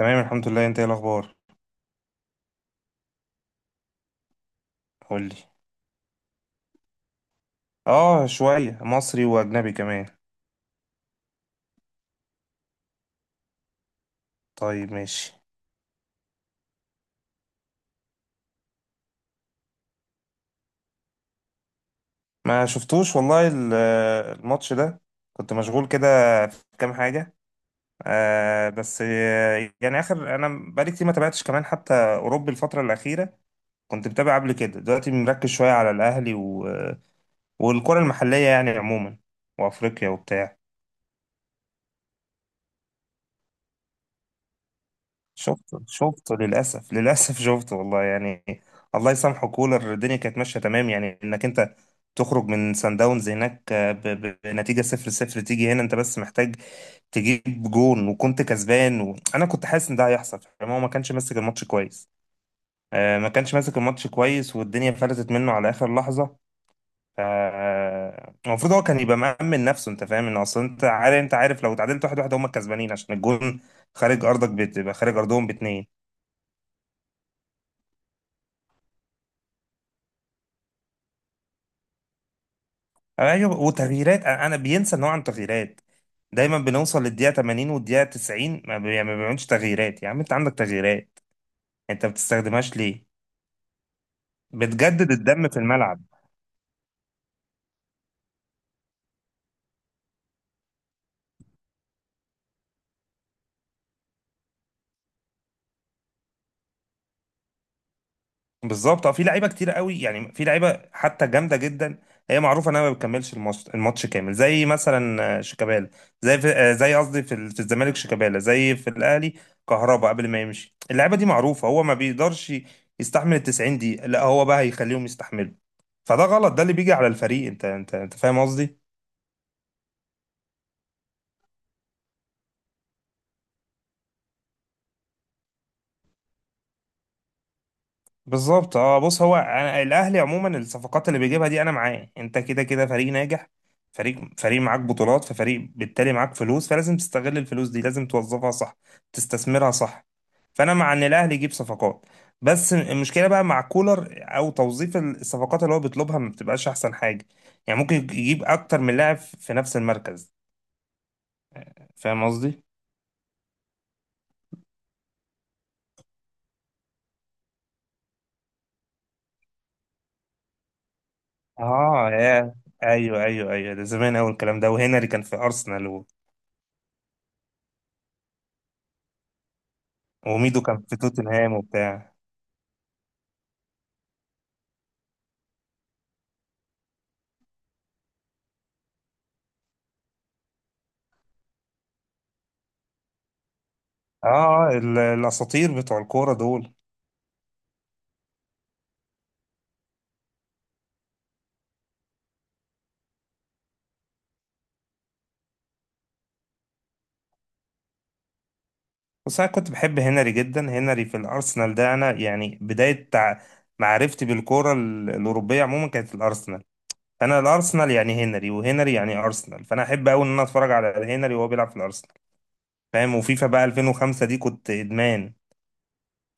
تمام الحمد لله، انت ايه الاخبار؟ قول لي. اه، شويه مصري واجنبي كمان. طيب ماشي. ما شفتوش والله الماتش ده. كنت مشغول كده في كام حاجه. آه بس آه، يعني اخر انا بقالي كتير ما تابعتش كمان حتى اوروبي الفتره الاخيره. كنت متابع قبل كده، دلوقتي مركز شويه على الاهلي و... والكره المحليه يعني عموما، وافريقيا وبتاع. شفته شفته للأسف للأسف شفته والله يعني. الله يسامحه كولر، الدنيا كانت ماشية تمام يعني، إنك أنت تخرج من سان داونز هناك بنتيجة صفر صفر، تيجي هنا أنت بس محتاج تجيب جون وكنت كسبان. وأنا كنت حاسس إن ده هيحصل، فاهم؟ هو ما كانش ماسك الماتش كويس، ما كانش ماسك الماتش كويس، والدنيا فلتت منه على آخر لحظة. المفروض هو كان يبقى مأمن نفسه، أنت فاهم إن أصلا أنت عارف لو اتعادلت واحد واحد هم الكسبانين عشان الجون خارج أرضك، بتبقى خارج أرضهم باتنين. ايوه، وتغييرات، أنا بينسى ان هو عنده تغييرات، دايما بنوصل للدقيقه 80 والدقيقه 90 ما بيعملش تغييرات. يا عم انت عندك تغييرات، انت ما بتستخدمهاش ليه؟ بتجدد الدم في الملعب. بالظبط اه، في لعيبه كتير قوي، يعني في لعيبه حتى جامده جدا هي معروفه انها ما بتكملش الماتش الماتش كامل، زي مثلا شيكابالا، زي قصدي في الزمالك، شيكابالا، زي في الاهلي كهربا قبل ما يمشي. اللعيبه دي معروفه هو ما بيقدرش يستحمل ال 90 دقيقه، لا هو بقى هيخليهم يستحملوا؟ فده غلط، ده اللي بيجي على الفريق. انت فاهم قصدي. بالظبط اه بص، هو أنا الاهلي عموما الصفقات اللي بيجيبها دي انا معاه، انت كده كده فريق ناجح، فريق معاك بطولات، ففريق بالتالي معاك فلوس، فلازم تستغل الفلوس دي، لازم توظفها صح، تستثمرها صح. فانا مع ان الاهلي يجيب صفقات، بس المشكله بقى مع كولر او توظيف الصفقات اللي هو بيطلبها ما بتبقاش احسن حاجه. يعني ممكن يجيب اكتر من لاعب في نفس المركز، فاهم قصدي؟ اه يا، ايوه ايوه ايوه، ده زمان قوي الكلام ده، وهنري كان في ارسنال وميدو كان في توتنهام وبتاع. الاساطير بتوع الكوره دول. بس انا كنت بحب هنري جدا، هنري في الارسنال ده انا يعني بدايه معرفتي بالكوره الاوروبيه عموما كانت في الارسنال. انا الارسنال يعني هنري، وهنري يعني ارسنال، فانا احب قوي ان انا اتفرج على هنري وهو بيلعب في الارسنال، فاهم؟ وفيفا بقى 2005 دي كنت ادمان.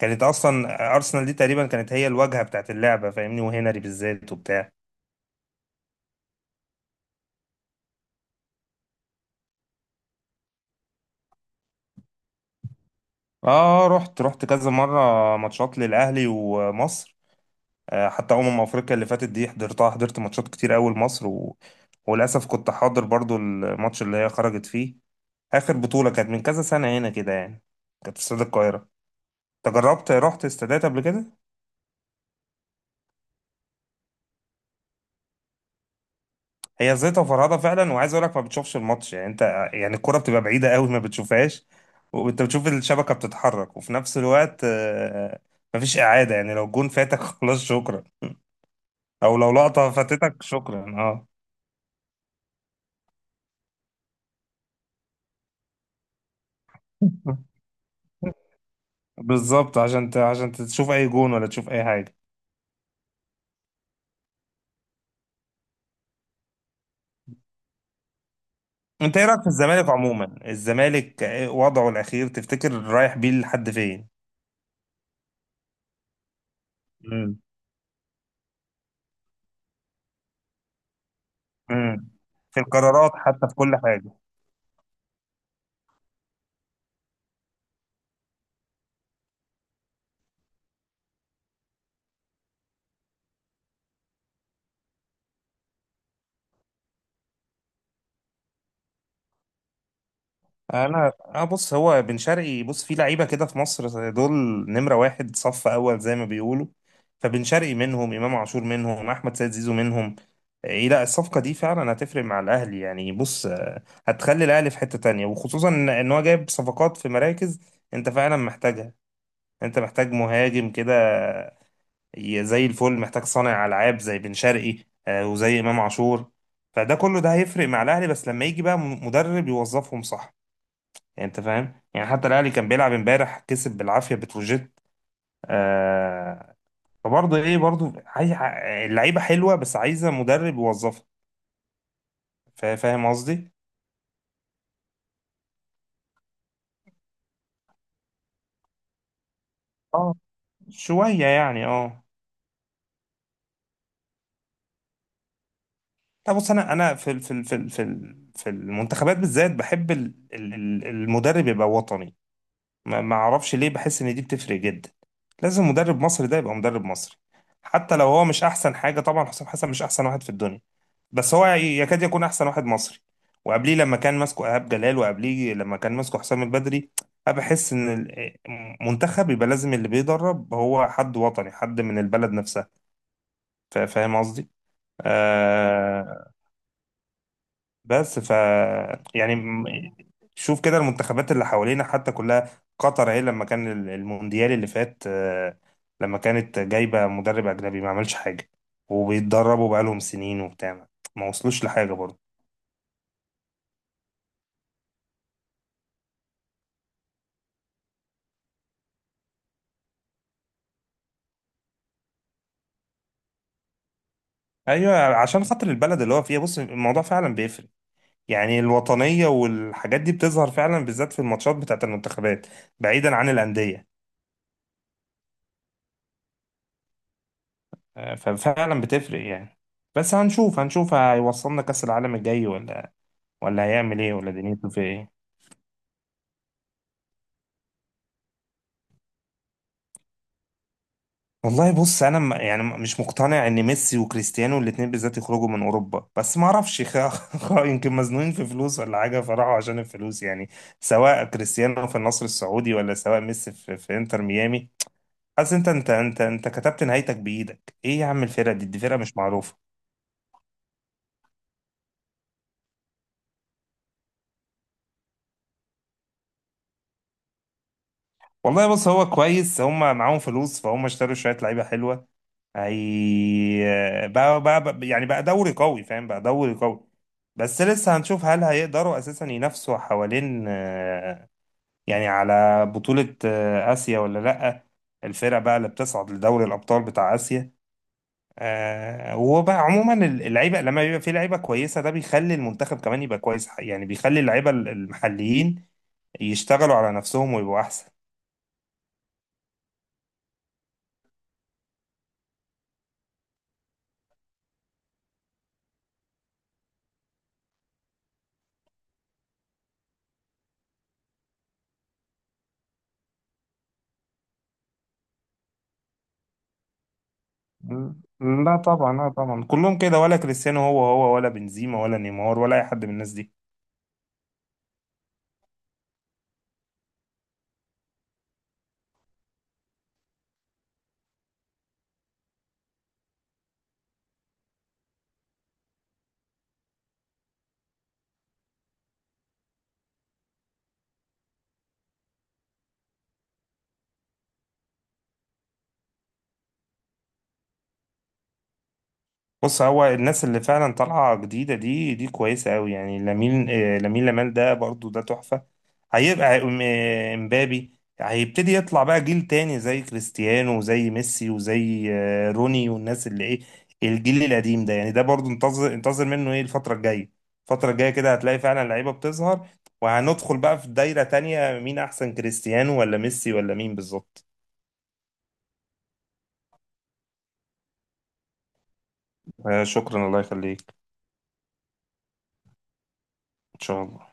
كانت اصلا ارسنال دي تقريبا كانت هي الواجهه بتاعت اللعبه، فاهمني، وهنري بالذات وبتاع. رحت كذا مره ماتشات للاهلي ومصر. حتى أمم أفريقيا اللي فاتت دي حضرتها، حضرت ماتشات كتير أوي لمصر و... وللأسف كنت حاضر برضو الماتش اللي هي خرجت فيه، آخر بطولة كانت من كذا سنة هنا كده يعني. كانت في استاد القاهرة. أنت جربت رحت استادات قبل كده؟ هي زيطة فرهضة فعلا، وعايز أقول لك ما بتشوفش الماتش يعني أنت، يعني الكرة بتبقى بعيدة أوي ما بتشوفهاش. وأنت بتشوف الشبكة بتتحرك، وفي نفس الوقت مفيش إعادة. يعني لو الجون فاتك خلاص شكرا، أو لو لقطة فاتتك شكرا أه. بالظبط عشان عشان تشوف اي جون ولا تشوف اي حاجه. انت ايه رايك في الزمالك عموما؟ الزمالك إيه وضعه الاخير، تفتكر رايح بيه لحد فين؟ مم. امم في القرارات حتى في كل حاجه. انا اه بص، هو بن شرقي بص، في لعيبه كده في مصر دول نمره واحد، صف اول زي ما بيقولوا. فبن شرقي منهم، امام عاشور منهم، احمد سيد زيزو منهم. ايه لا، الصفقه دي فعلا هتفرق مع الاهلي، يعني بص، هتخلي الاهلي في حته تانية، وخصوصا إن هو جايب صفقات في مراكز انت فعلا محتاجها. انت محتاج مهاجم كده زي الفل، محتاج صانع العاب زي بن شرقي، وزي امام عاشور. فده كله ده هيفرق مع الاهلي، بس لما يجي بقى مدرب يوظفهم صح، يعني انت فاهم؟ يعني حتى الاهلي كان بيلعب امبارح كسب بالعافيه بتروجيت. آه، فبرضه ايه، برضه عايز اللعيبه حلوه، بس عايزه مدرب يوظفها. فاهم قصدي؟ اه شويه يعني اه. لا بص، انا في في المنتخبات بالذات بحب المدرب يبقى وطني. ما اعرفش ليه، بحس ان دي بتفرق جدا. لازم مدرب مصري، ده يبقى مدرب مصري. حتى لو هو مش احسن حاجه، طبعا حسام حسن مش احسن واحد في الدنيا، بس هو يكاد يكون احسن واحد مصري. وقبليه لما كان ماسكه ايهاب جلال، وقبليه لما كان ماسكه حسام البدري. انا بحس ان منتخب يبقى لازم، اللي بيدرب هو حد وطني، حد من البلد نفسها. فاهم قصدي؟ آه، بس يعني شوف كده المنتخبات اللي حوالينا حتى كلها، قطر اهي لما كان المونديال اللي فات، لما كانت جايبة مدرب اجنبي ما عملش حاجة، وبيتدربوا بقالهم سنين وبتاع، ما وصلوش لحاجة برضه. ايوه، عشان خاطر البلد اللي هو فيها، بص الموضوع فعلا بيفرق. يعني الوطنيه والحاجات دي بتظهر فعلا بالذات في الماتشات بتاعت المنتخبات، بعيدا عن الانديه. ففعلا بتفرق يعني. بس هنشوف، هنشوف هيوصلنا كاس العالم الجاي ولا، ولا هيعمل ايه، ولا دنيته في ايه. والله بص، انا يعني مش مقتنع ان ميسي وكريستيانو الاثنين بالذات يخرجوا من اوروبا، بس ما اعرفش يمكن مزنوقين في فلوس ولا حاجه فراحوا عشان الفلوس يعني. سواء كريستيانو في النصر السعودي، ولا سواء ميسي في انتر ميامي. حاسس انت كتبت نهايتك بايدك، ايه يا عم، الفرقه دي فرقه مش معروفه. والله بص هو كويس، هم معاهم فلوس، فهم اشتروا شويه لعيبه حلوه. هي بقى يعني بقى دوري قوي، فاهم، بقى دوري قوي. بس لسه هنشوف هل هيقدروا اساسا ينافسوا حوالين يعني على بطوله اسيا ولا لا، الفرقه بقى اللي بتصعد لدوري الابطال بتاع اسيا. آه، وبقى عموما اللعيبه، لما بيبقى في لعيبه كويسه ده بيخلي المنتخب كمان يبقى كويس، يعني بيخلي اللعيبه المحليين يشتغلوا على نفسهم ويبقوا احسن. لا طبعا، لا طبعا كلهم كده، ولا كريستيانو هو هو، ولا بنزيما ولا نيمار ولا اي حد من الناس دي. بص، هو الناس اللي فعلا طالعه جديده دي كويسه قوي، يعني لامين، لامين يامال ده برضو ده تحفه. هيبقى مبابي هيبتدي يطلع بقى جيل تاني زي كريستيانو وزي ميسي وزي روني، والناس اللي ايه الجيل القديم ده، يعني ده برضو انتظر انتظر منه ايه الفترة الجاية. الفترة الجاية كده هتلاقي فعلا لعيبة بتظهر، وهندخل بقى في دايرة تانية مين احسن كريستيانو ولا ميسي ولا مين بالظبط. شكرا الله يخليك. ان شاء الله.